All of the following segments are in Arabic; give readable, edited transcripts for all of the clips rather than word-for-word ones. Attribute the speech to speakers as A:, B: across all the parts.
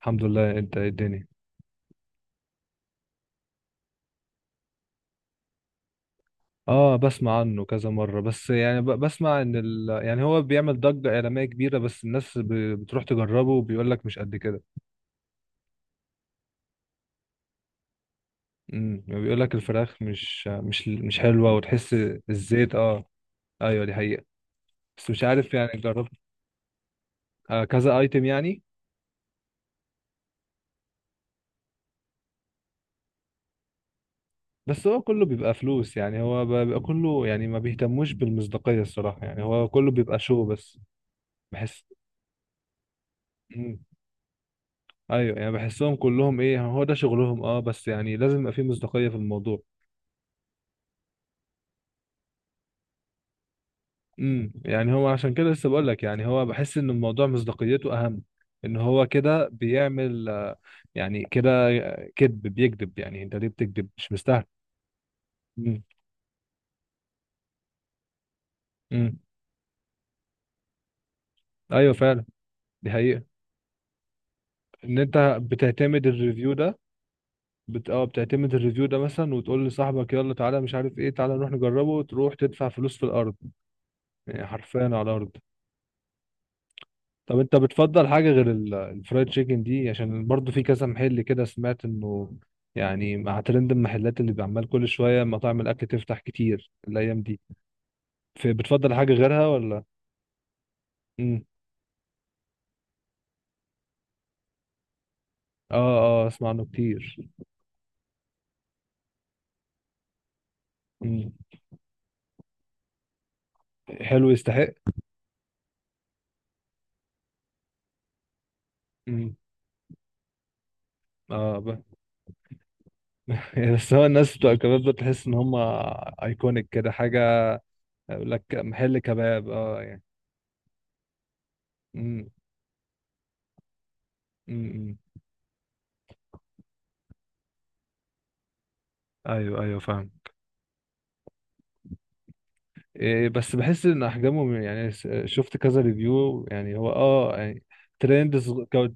A: الحمد لله، انت ايه الدنيا؟ اه، بسمع عنه كذا مرة. بس يعني بسمع يعني هو بيعمل ضجة إعلامية كبيرة، بس الناس بتروح تجربه وبيقول لك مش قد كده. بيقول لك الفراخ مش حلوة، وتحس الزيت، اه. ايوه، دي حقيقة. بس مش عارف، يعني جربت. آه، كذا ايتم يعني. بس هو كله بيبقى فلوس، يعني هو بيبقى كله، يعني ما بيهتموش بالمصداقية الصراحة، يعني هو كله بيبقى شو بس. بحس. ايوه، يعني بحسهم كلهم ايه، هو ده شغلهم، اه. بس يعني لازم يبقى فيه مصداقية في الموضوع. يعني هو عشان كده لسه بقول لك، يعني هو بحس ان الموضوع مصداقيته اهم، ان هو كده بيعمل يعني كده كذب، بيكذب. يعني انت ليه بتكذب؟ مش مستاهل. امم. امم. ايوه فعلا. دي حقيقة. ان انت بتعتمد الريفيو ده. بت... اه بتعتمد الريفيو ده مثلا، وتقول لصاحبك يلا تعالى، مش عارف ايه، تعالى نروح نجربه، وتروح تدفع فلوس في الارض. يعني حرفيا على الارض. طب انت بتفضل حاجة غير الفرايد تشيكن دي؟ عشان برضو في كذا محل كده، سمعت انه، يعني مع ترند المحلات اللي بيعمل كل شوية، مطاعم الاكل تفتح كتير الايام دي. بتفضل حاجة غيرها ولا؟ امم. اه اه، اسمع عنه كتير. امم. حلو، يستحق. امم. اه يعني بس هو الناس بتوع الكباب ده تحس ان هم ايكونيك كده حاجة. يقول لك محل كباب، اه يعني. امم. امم. ايوه ايوه فاهم. إيه، بس بحس ان احجامهم، يعني شفت كذا ريفيو. يعني هو اه يعني ترند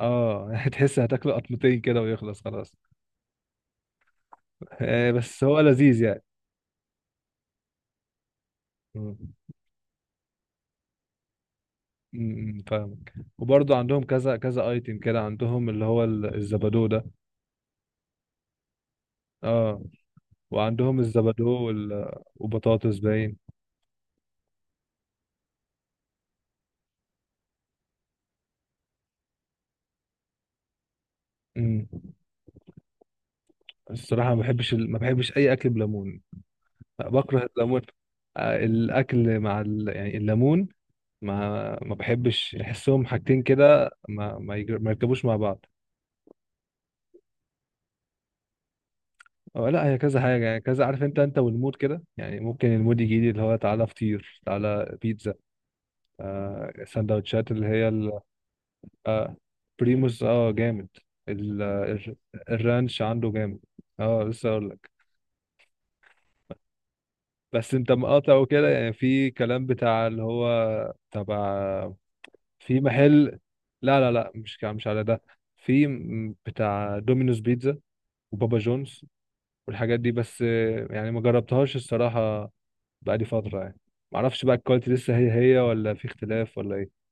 A: اه يعني تحس هتاكله قطمتين كده ويخلص خلاص. إيه، بس هو لذيذ يعني. مم. مم، فاهمك، وبرضه عندهم كذا كذا ايتم كده، عندهم اللي هو الزبادو ده. اه، وعندهم الزبادو وبطاطس باين. مم. الصراحة ما بحبش اي اكل بليمون. لا، بكره الليمون. الاكل مع يعني الليمون. ما ما بحبش احسهم حاجتين كده، ما يركبوش مع بعض. أو لا، هي كذا حاجه، يعني كذا عارف انت والمود كده، يعني ممكن المود يجي لي اللي هو تعالى فطير، تعالى بيتزا، سندوتشات اللي هي آه، بريموس، اه، جامد. ال... الر- الرانش عنده جامد. اه لسه اقول لك. بس انت مقاطع وكده، يعني في كلام بتاع اللي هو تبع، في محل. لا لا لا، مش على ده. في بتاع دومينوز بيتزا، وبابا جونز، والحاجات دي. بس يعني ما جربتهاش الصراحة، بقالي فترة يعني. ما اعرفش بقى الكواليتي لسه هي هي ولا في اختلاف ولا ايه.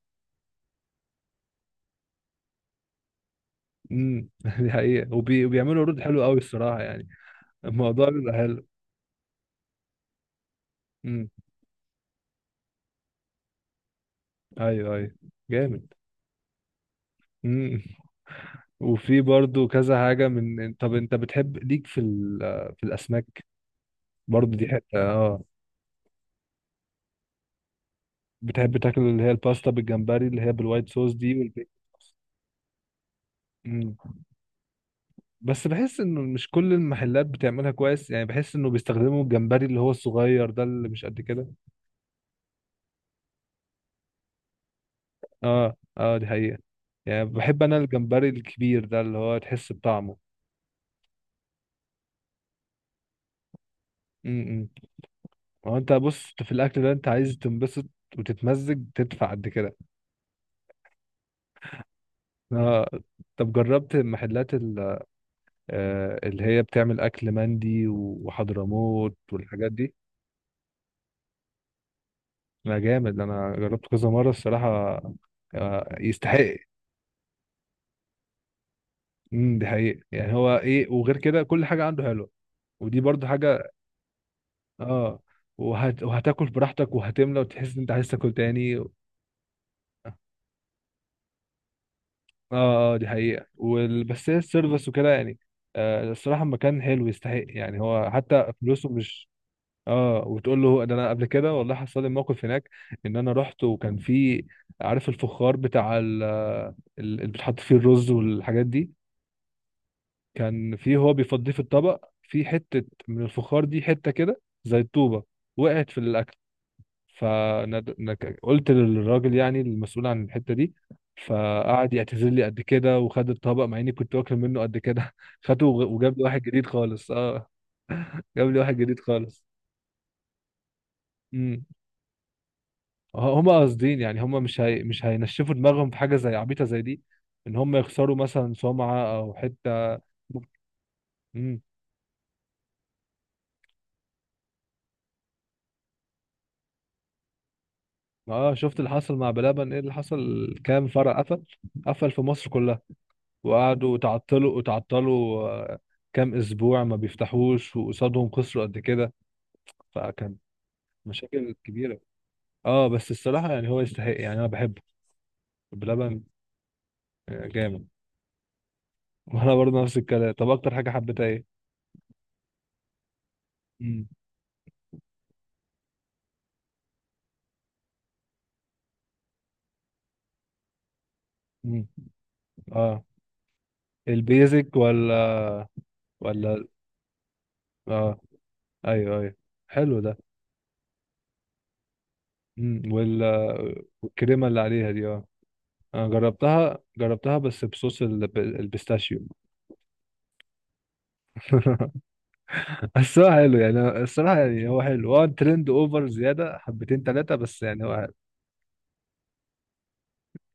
A: امم دي حقيقة. وبيعملوا عروض حلوة قوي الصراحة، يعني الموضوع بيبقى حلو. امم. ايوه ايوه، جامد. امم. وفي برضو كذا حاجة من. طب انت بتحب ليك في في الاسماك؟ برضو دي حتة، اه. بتحب تاكل اللي هي الباستا بالجمبري، اللي هي بالوايت صوص دي مم. بس بحس انه مش كل المحلات بتعملها كويس، يعني بحس انه بيستخدموا الجمبري اللي هو الصغير ده، اللي مش قد كده. اه اه، دي حقيقة. يعني بحب انا الجمبري الكبير ده، اللي هو تحس بطعمه. امم. هو انت بص، في الاكل ده انت عايز تنبسط وتتمزج، تدفع قد كده. اه. طب جربت محلات اللي هي بتعمل اكل مندي وحضرموت والحاجات دي؟ لا، جامد، انا جربته كذا مره الصراحه. آه، يستحق. امم، دي حقيقة. يعني هو ايه، وغير كده كل حاجه عنده حلوه، ودي برضو حاجه. اه. وهتاكل براحتك وهتملى، وتحس ان انت عايز تاكل تاني. اه اه، دي حقيقه. بس هي السيرفس وكده يعني، الصراحه المكان حلو، يستحق، يعني هو حتى فلوسه مش. اه، وتقول له ده. انا قبل كده والله حصل لي موقف هناك، ان انا رحت، وكان في، عارف الفخار بتاع اللي بتحط فيه الرز والحاجات دي؟ كان في، هو بيفضيه في الطبق، في حتة من الفخار دي، حتة كده زي الطوبة وقعت في الأكل. فقلت للراجل، يعني المسؤول عن الحتة دي، فقعد يعتذر لي قد كده، وخد الطبق، مع اني كنت واكل منه قد كده. خده، وجاب لي واحد جديد خالص، اه. جاب لي واحد جديد خالص. امم. هما قاصدين، يعني هما مش هينشفوا دماغهم في حاجة زي عبيطة زي دي، ان هما يخسروا مثلا سمعة او حتة. مم. اه، شفت اللي حصل مع بلبن؟ ايه اللي حصل؟ كام فرع قفل. قفل في مصر كلها. وقعدوا تعطلوا وتعطلوا، كام اسبوع ما بيفتحوش، وقصادهم خسروا قد كده، فكان مشاكل كبيرة. اه، بس الصراحة يعني هو يستحق، يعني انا بحبه، بلبن. آه، جامد. وانا برضه نفس الكلام. طب اكتر حاجة حبيتها ايه؟ امم. امم. اه، البيزك ولا؟ ولا، اه. ايوه ايوه، حلو ده. امم. والكريمة اللي عليها دي، اه. أنا جربتها جربتها بس بصوص البيستاشيو. الصراحة حلو يعني، الصراحة يعني هو حلو، هو ترند اوفر زيادة حبتين تلاتة، بس يعني هو حلو.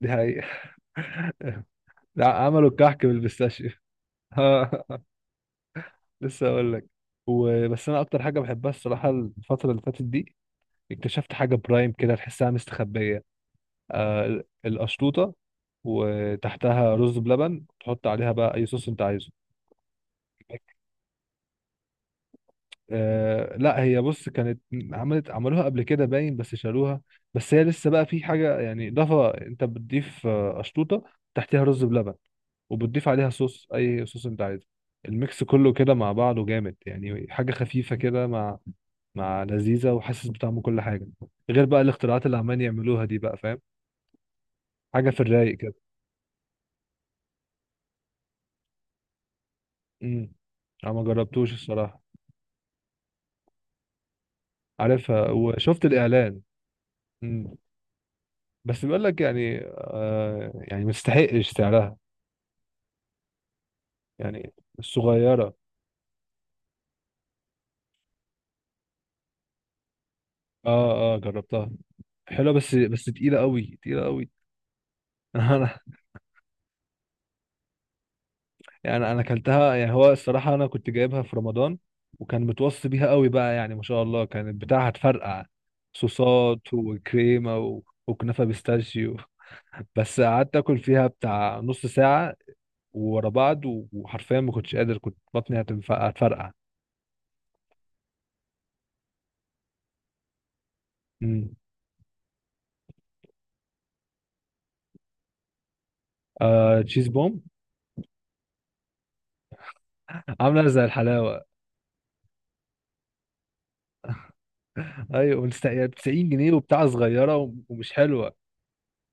A: دي حقيقة. لا، عملوا الكحك بالبيستاشيو. لسه اقول لك. وبس انا اكتر حاجة بحبها الصراحة الفترة اللي فاتت دي، اكتشفت حاجة برايم كده، تحسها مستخبية، القشطوطة، وتحتها رز بلبن، تحط عليها بقى اي صوص انت عايزه. آه، لا، هي بص كانت، عملوها قبل كده باين، بس شالوها. بس هي لسه بقى في حاجة، يعني إضافة. أنت بتضيف أشطوطة تحتها رز بلبن، وبتضيف عليها صوص، أي صوص أنت عايزه. الميكس كله كده مع بعضه جامد، يعني حاجة خفيفة كده، مع لذيذة، وحاسس بطعم كل حاجة، غير بقى الاختراعات اللي عمالين يعملوها دي، بقى فاهم. حاجة في الرايق كده. امم. أنا ما جربتوش الصراحة. عارفها وشفت الإعلان. امم. بس بيقول لك يعني، يعني مستحقش سعرها. يعني الصغيرة. اه اه، جربتها، حلوة، بس تقيلة قوي، تقيلة قوي. انا، يعني انا اكلتها. يعني هو الصراحة انا كنت جايبها في رمضان، وكان متوصي بيها قوي بقى يعني، ما شاء الله، كانت بتاعها هتفرقع صوصات وكريمة وكنافة بيستاشيو. بس قعدت اكل فيها بتاع نص ساعة ورا بعض، و- وحرفيا ما كنتش قادر، كنت بطني هتفرقع. امم. آه، تشيز بوم، عاملة زي الحلاوة. ايوه، 90 جنيه وبتاع صغيرة، ومش حلوة،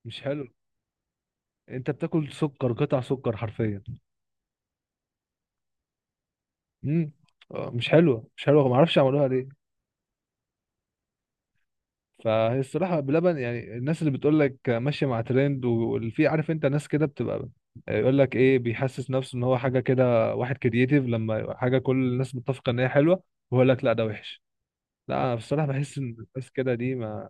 A: مش حلو. انت بتاكل سكر، قطع سكر حرفيا. امم. مش حلوه مش حلوه، ما اعرفش عملوها ليه. فهي الصراحه بلبن، يعني الناس اللي بتقول لك ماشيه مع ترند، واللي في، عارف انت، ناس كده بتبقى يقول لك ايه، بيحسس نفسه ان هو حاجه كده، واحد كرييتيف، لما يبقى حاجه كل الناس متفقه ان هي حلوه، ويقول لك لا، ده وحش. لا، انا بصراحه بحس ان الناس كده دي، ما،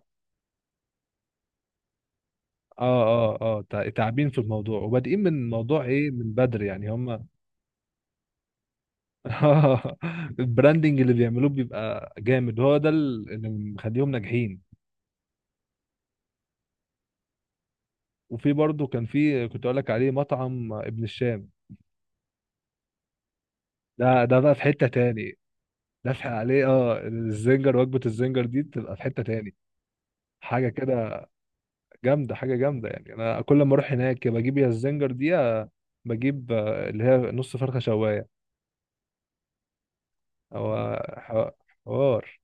A: اه اه اه، تعبين في الموضوع، وبادئين من موضوع ايه، من بدري يعني هم. البراندنج اللي بيعملوه بيبقى جامد، هو ده اللي مخليهم ناجحين. وفي برضه كان في كنت اقول لك عليه، مطعم ابن الشام. ده بقى في حتة تاني، دافع عليه، اه. وجبة الزنجر دي بتبقى في حتة تاني، حاجة كده. حاجة جامدة، يعني انا كل ما اروح هناك، يا بجيب يا الزنجر دي، يا بجيب آه، اللي هي نص فرخة شواية، او حوار.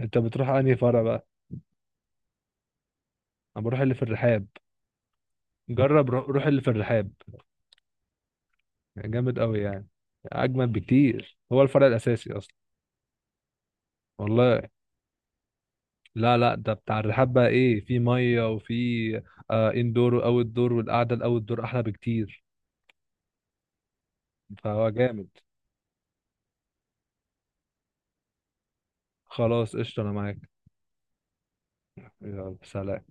A: انت بتروح انهي فرع بقى؟ انا بروح اللي في الرحاب. جرب روح اللي في الرحاب، جامد قوي يعني. اجمد بكتير، هو الفرع الاساسي اصلا. والله. لا لا، ده بتاع الرحاب، بقى ايه، في ميه وفي، اندور واوت دور، والقعده الاوت دور احلى بكتير، فهو جامد. خلاص، قشطه انا معاك. يلا، سلام.